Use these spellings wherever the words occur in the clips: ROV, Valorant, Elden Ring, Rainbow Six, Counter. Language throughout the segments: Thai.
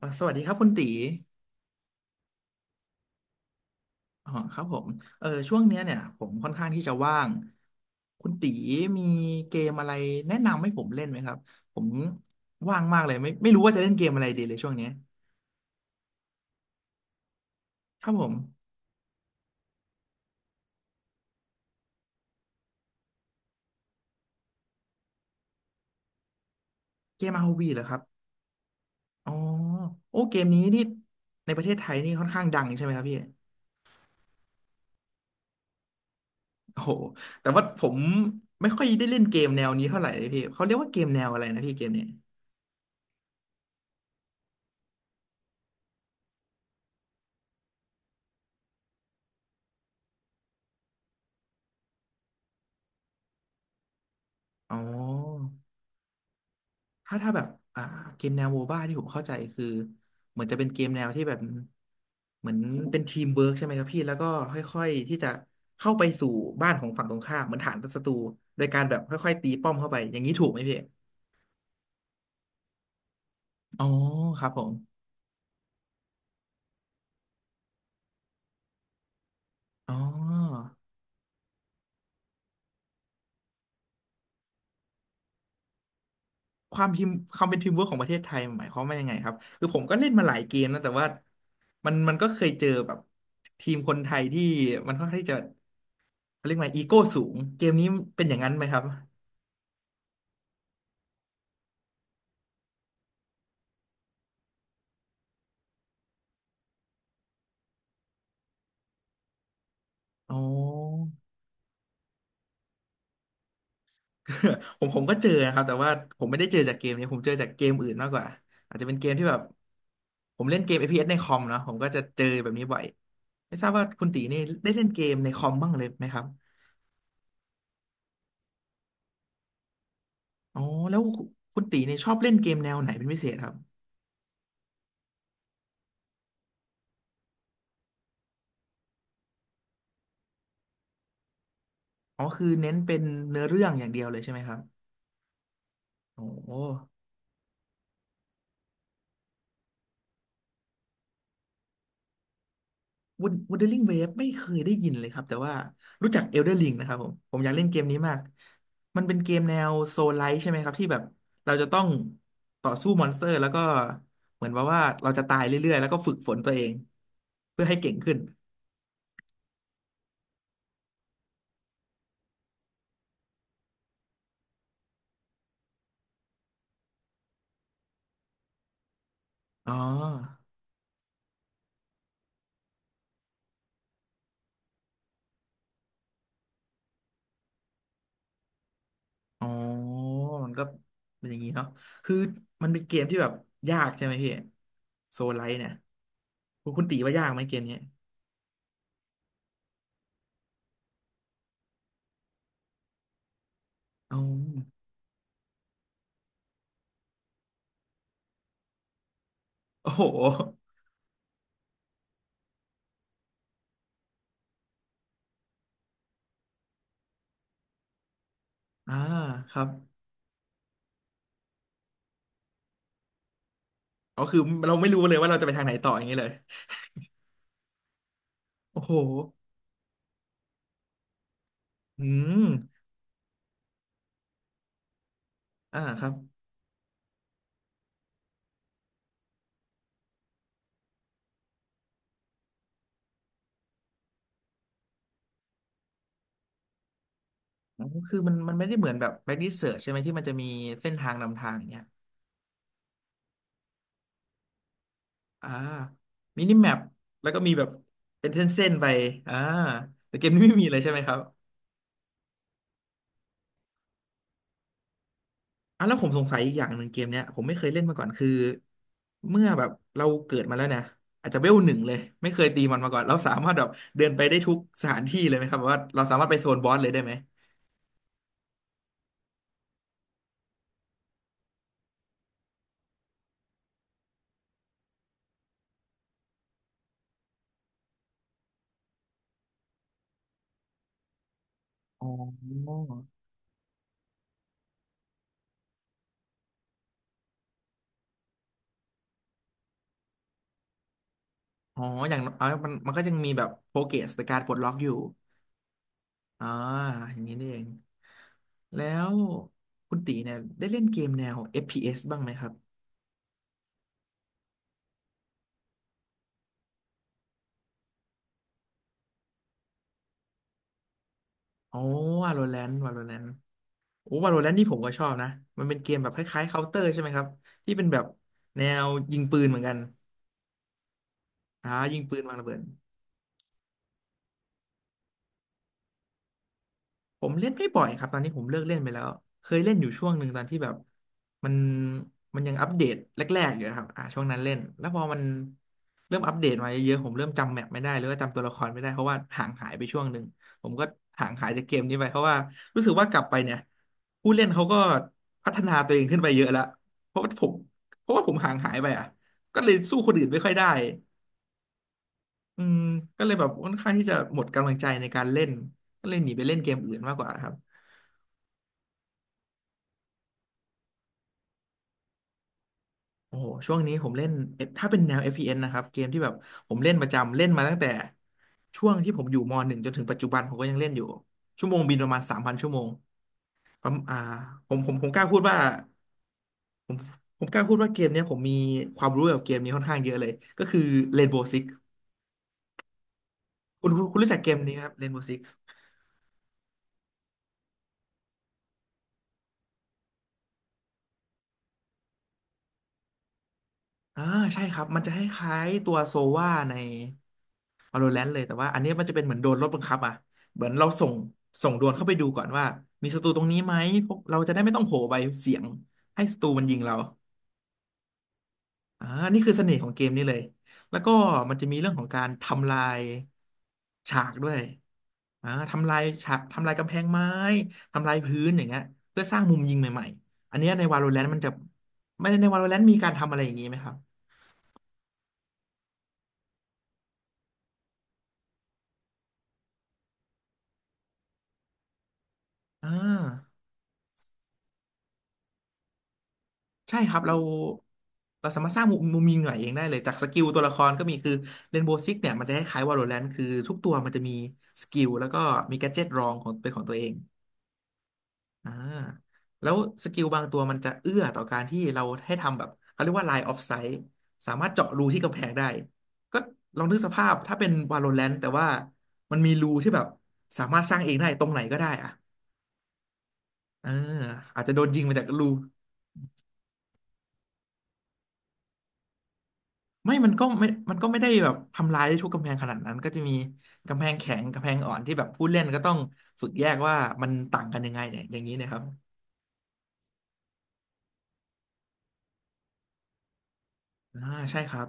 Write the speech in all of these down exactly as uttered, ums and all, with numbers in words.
อ่ะสวัสดีครับคุณตีอ๋อครับผมเออช่วงเนี้ยเนี่ยผมค่อนข้างที่จะว่างคุณตีมีเกมอะไรแนะนำให้ผมเล่นไหมครับผมว่างมากเลยไม่ไม่รู้ว่าจะเล่นเกมอะไรดีเลยช่วงเนี้ยครับผมเกม อาร์ โอ วี เหรอครับอ๋อโอ้เกมนี้นี่ในประเทศไทยนี่ค่อนข้างดังใช่ไหมครับพี่โอ้โหแต่ว่าผมไม่ค่อยได้เล่นเกมแนวนี้เท่าไหร่เลยพี่เขาเรียกว่าเกมแนวอะไรนะพี่เกมเนี้ยอ๋อ ถ้าถ้าแบบอ่าเกมแนวโมบ้าที่ผมเข้าใจคือเหมือนจะเป็นเกมแนวที่แบบเหมือนเป็นทีมเวิร์กใช่ไหมครับพี่แล้วก็ค่อยๆที่จะเข้าไปสู่บ้านของฝั่งตรงข้ามเหมือนฐานศัตรูโดยการแบบค่อยๆตีป้อมเข้าไปอย่างนี้ถูกไหมพี่อ๋อครับผมอ๋อความทีมความเป็นทีมเวิร์กของประเทศไทยหมายความว่ายังไงครับคือผมก็เล่นมาหลายเกมนะแต่ว่ามันมันก็เคยเจอแบบทีมคนไทยที่มันค่อนข้างที่จะเขาเรียกว่าอีโก้สูงเกมนี้เป็นอย่างนั้นไหมครับอ๋อ ผมผมก็เจอนะครับแต่ว่าผมไม่ได้เจอจากเกมนี้ผมเจอจากเกมอื่นมากกว่าอาจจะเป็นเกมที่แบบผมเล่นเกม เอฟ พี เอส ในคอมเนาะผมก็จะเจอแบบนี้บ่อยไม่ทราบว่าคุณตีนี่ได้เล่นเกมในคอมบ้างเลยไหมครับอ๋อแล้วคุณตีนี่ชอบเล่นเกมแนวไหนเป็นพิเศษครับอ๋อคือเน้นเป็นเนื้อเรื่องอย่างเดียวเลยใช่ไหมครับโอ้ w u t เ e r i n g w a v e ไม่เคยได้ยินเลยครับแต่ว่ารู้จัก Elden Ring นะครับผมผมอยากเล่นเกมนี้มากมันเป็นเกมแนวโซลไลท์ใช่ไหมครับที่แบบเราจะต้องต่อสู้มอนสเตอร์แล้วก็เหมือนว่าว่าเราจะตายเรื่อยๆแล้วก็ฝึกฝนตัวเองเพื่อให้เก่งขึ้นอ๋ออ๋อมันก็เป็นอย่างนี้เนาะคือมันเป็นเกมที่แบบยากใช่ไหมพี่โซลไลท์เนี่ยคุณคุณตีว่ายากไหมเกมนี้อ๋อโอ้โห อ่าครับ อ๋อคือเราไม่รู้เลยว่าเราจะไปทางไหนต่ออย่างนี้เลยโอ้โหอืมอ่าครับอ๋อคือมันมันไม่ได้เหมือนแบบ back research ใช่ไหมที่มันจะมีเส้นทางนำทางอย่างเงี้ยอ่ามินิแมปแล้วก็มีแบบเป็นเส้นๆไปอ่าแต่เกมนี้ไม่มีเลยใช่ไหมครับอ่ะแล้วผมสงสัยอีกอย่างหนึ่งเกมเนี้ยผมไม่เคยเล่นมาก่อนคือเมื่อแบบเราเกิดมาแล้วเนี่ยอาจจะเวลหนึ่งเลยไม่เคยตีมันมาก่อนเราสามารถแบบเดินไปได้ทุกสถานที่เลยไหมครับแบบว่าเราสามารถไปโซนบอสเลยได้ไหมอ๋อ อ๋ออย่างน้อยเอามันมันก็ยังมีแบบโปรเกรสในการปลดล็อกอยู่อ่าอย่างนี้นี่เองแล้ว คุณตีเนี่ยได้เล่นเกมแนว เอฟ พี เอส บ้างไหมครับ อ๋อ Valorant Valorant โอ้ Valorant นี่ผมก็ชอบนะ มันเป็นเกมแบบคล้ายๆ Counter ใช่ไหมครับ ที่เป็นแบบแนว ยิงปืนเหมือนกันอ่ายิงปืนวางระเบิด ผมเล่นไม่บ่อยครับตอนนี้ผมเลิกเล่นไปแล้วเคยเล่นอยู่ช่วงหนึ่งตอนที่แบบมันมันยังอัปเดตแรกๆอยู่นะครับอ่าช่วงนั้นเล่นแล้วพอมันเริ่มอัปเดตมาเยอะๆผมเริ่มจำแมปไม่ได้หรือว่าจำตัวละครไม่ได้เพราะว่าห่างหายไปช่วงหนึ่งผมก็ห่างหายจากเกมนี้ไปเพราะว่ารู้สึกว่ากลับไปเนี่ยผู้เล่นเขาก็พัฒนาตัวเองขึ้นไปเยอะแล้วเพราะว่าผมเพราะว่าผมห่างหายไปอ่ะก็เลยสู้คนอื่นไม่ค่อยได้อืมก็เลยแบบค่อนข้างที่จะหมดกำลังใจในการเล่นก็เลยหนีไปเล่นเกมอื่นมากกว่าครับ โอ้โหช่วงนี้ผมเล่น F- ถ้าเป็นแนว f p n นะครับ เกมที่แบบผมเล่นประจำ เล่นมาตั้งแต่ช่วงที่ผมอยู่ม .หนึ่ง จนถึงปัจจุบันผมก็ยังเล่นอยู่ ชั่วโมงบินประมาณสามพันชั่วโมงผมอ่าผมผมผมกล้าพูดว่าผมกล้าพูดว่าเกมเนี้ยผมมีความรู้เกี่ยวกับเกมนี้ค่อนข้างเยอะเลย ก็คือ Rainbow Six คุณคุณคุณรู้จักเกมนี้ครับ Rainbow Six อ่าใช่ครับมันจะคล้ายๆตัวโซวาใน Valorant เลยแต่ว่าอันนี้มันจะเป็นเหมือนโดนรถบังคับอ่ะเหมือนเราส่งส่งโดรนเข้าไปดูก่อนว่ามีศัตรูตรงนี้ไหมพวกเราจะได้ไม่ต้องโหไปเสียงให้ศัตรูมันยิงเราอ่านี่คือเสน่ห์ของเกมนี้เลยแล้วก็มันจะมีเรื่องของการทำลายฉากด้วยอ่าทำลายฉากทำลายกำแพงไม้ทำลายพื้นอย่างเงี้ยเพื่อสร้างมุมยิงใหม่ๆอันเนี้ยใน Valorant มันจะไม่ใน Valorant มีการทำอะไรอย่างนี้ไหมครับอ่า ใช่ครับเราเราสามารถสร้างมุมมุมยิงหน่อยเองได้เลยจากสกิลตัวละครก็มีคือเรนโบว์ซิกเนี่ยมันจะคล้ายๆวาโลแรนต์คือทุกตัวมันจะมีสกิลแล้วก็มีแกดเจ็ตรองของเป็นของตัวเองอ่าแล้วสกิลบางตัวมันจะเอื้อต่อการที่เราให้ทำแบบเขาเรียกว่า line of sight สามารถเจาะรูที่กำแพงได้ก็ลองนึกสภาพถ้าเป็นวาโลแรนต์แต่ว่ามันมีรูที่แบบสามารถสร้างเองได้ตรงไหนก็ได้อะเอออาจจะโดนยิงมาจากรู ไม่มันก็ไม่มันก็ไม่ได้แบบทำลายได้ทุกกำแพงขนาดนั้นก็จะมีกำแพงแข็งกำแพงอ่อนที่แบบผู้เล่นก็ต้องฝึกแยกว่ามันต่างกันยังไงเนี่ยอย่างนี้นะครับอ่าใช่ครับ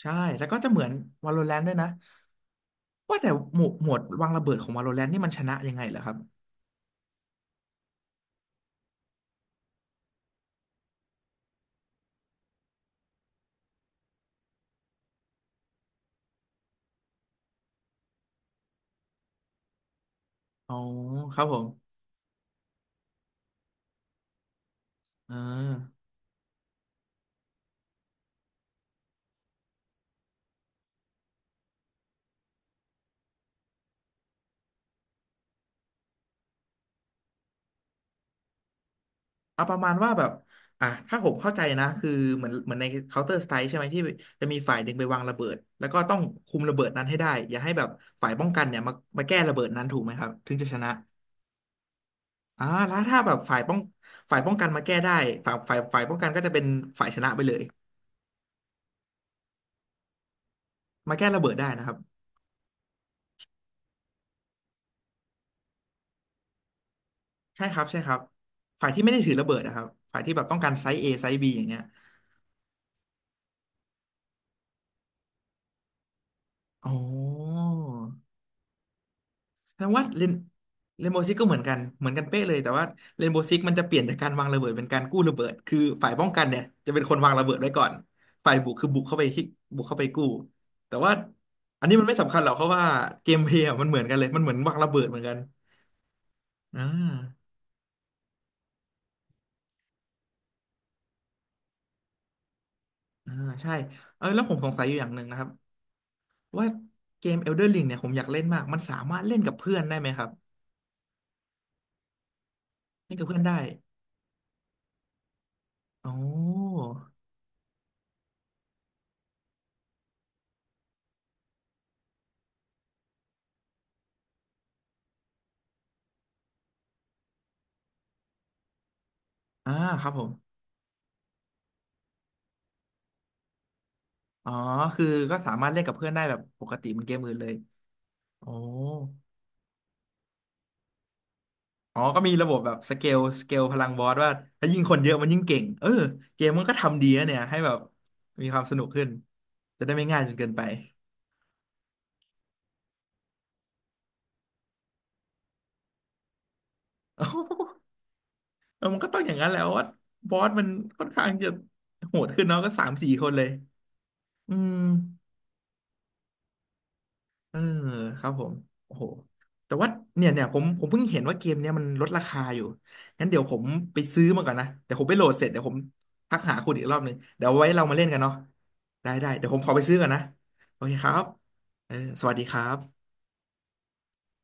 ใช่แล้วก็จะเหมือน Valorant ด้วยนะว่าแต่หมวดหมวดวางระเบิดของ Valorant นี่มันชนะยังไงเหรอครับอ๋อครับผมอ่า เอาประมาณว่าแบบอ่ะถ้าผมเข้าใจนะคือเหมือนเหมือนใน Counter Strike ใช่ไหมที่จะมีฝ่ายหนึ่งไปวางระเบิดแล้วก็ต้องคุมระเบิดนั้นให้ได้อย่าให้แบบฝ่ายป้องกันเนี่ยมามาแก้ระเบิดนั้นถูกไหมครับถึงจะชนะอ่าแล้วถ้าแบบฝ่ายป้องฝ่ายป้องกันมาแก้ได้ฝ่ายฝ่ายฝ่ายป้องกันก็จะเป็นฝ่ายชนะไปเลยมาแก้ระเบิดได้นะครับใช่ครับใช่ครับฝ่ายที่ไม่ได้ถือระเบิดนะครับฝ่ายที่แบบต้องการไซส์ A ไซส์ B อย่างเงี้ยอ๋อ แสดงว่าเรนเรนโบว์ซิกก็เหมือนกันเหมือนกันเป๊ะเลยแต่ว่าเรนโบว์ซิกมันจะเปลี่ยนจากการวางระเบิดเป็นการกู้ระเบิดคือฝ่ายป้องกันเนี่ยจะเป็นคนวางระเบิดไว้ก่อนฝ่ายบุกคือบุกเข้าไปที่บุกเข้าไปกู้แต่ว่าอันนี้มันไม่สำคัญหรอกเพราะว่าเกมเพลย์อะมันเหมือนกันเลยมันเหมือนวางระเบิดเหมือนกันอ่าอ่าใช่เออแล้วผมสงสัยอยู่อย่างหนึ่งนะครับว่าเกม Elden Ring เนี่ยผมอยากเล่นมากมันสามารถเล่นกับเพื่อนได้ไหมครับเล่นกับเพื่อนได้อ๋ออ่าครับผม อ๋อ คือก็สามารถเล่นกับเพื่อนได้แบบปกติเหมันเกมอื่นเลยโอ้อ๋อก็มีระบบแบบสเกลสเกลพลังบอสว่าถ้ายิ่งคนเยอะมันยิ่งเก่งเออเกมมันก็ทำดีนะเนี่ยให้แบบมีความสนุกขึ้นจะได้ไม่ง่ายจนเกินไป เอ้าเออมันก็ต้องอย่างนั้นแหละวว่าบอสมันค่อนข้างจะโหดขึ้นเนาะก็สามสี่คนเลยอืม เออครับผมโอ้โหแต่ว่าเนี่ยเนี่ยผมผมเพิ่งเห็นว่าเกมเนี้ยมันลดราคาอยู่งั้นเดี๋ยวผมไปซื้อมาก่อนนะเดี๋ยวผมไปโหลดเสร็จเดี๋ยวผมทักหาคุณอีกรอบหนึ่งเดี๋ยวไว้เรามาเล่นกันเนาะได้ได้เดี๋ยวผมขอไปซื้อก่อนนะโอเคครับเออสวัสดีครับ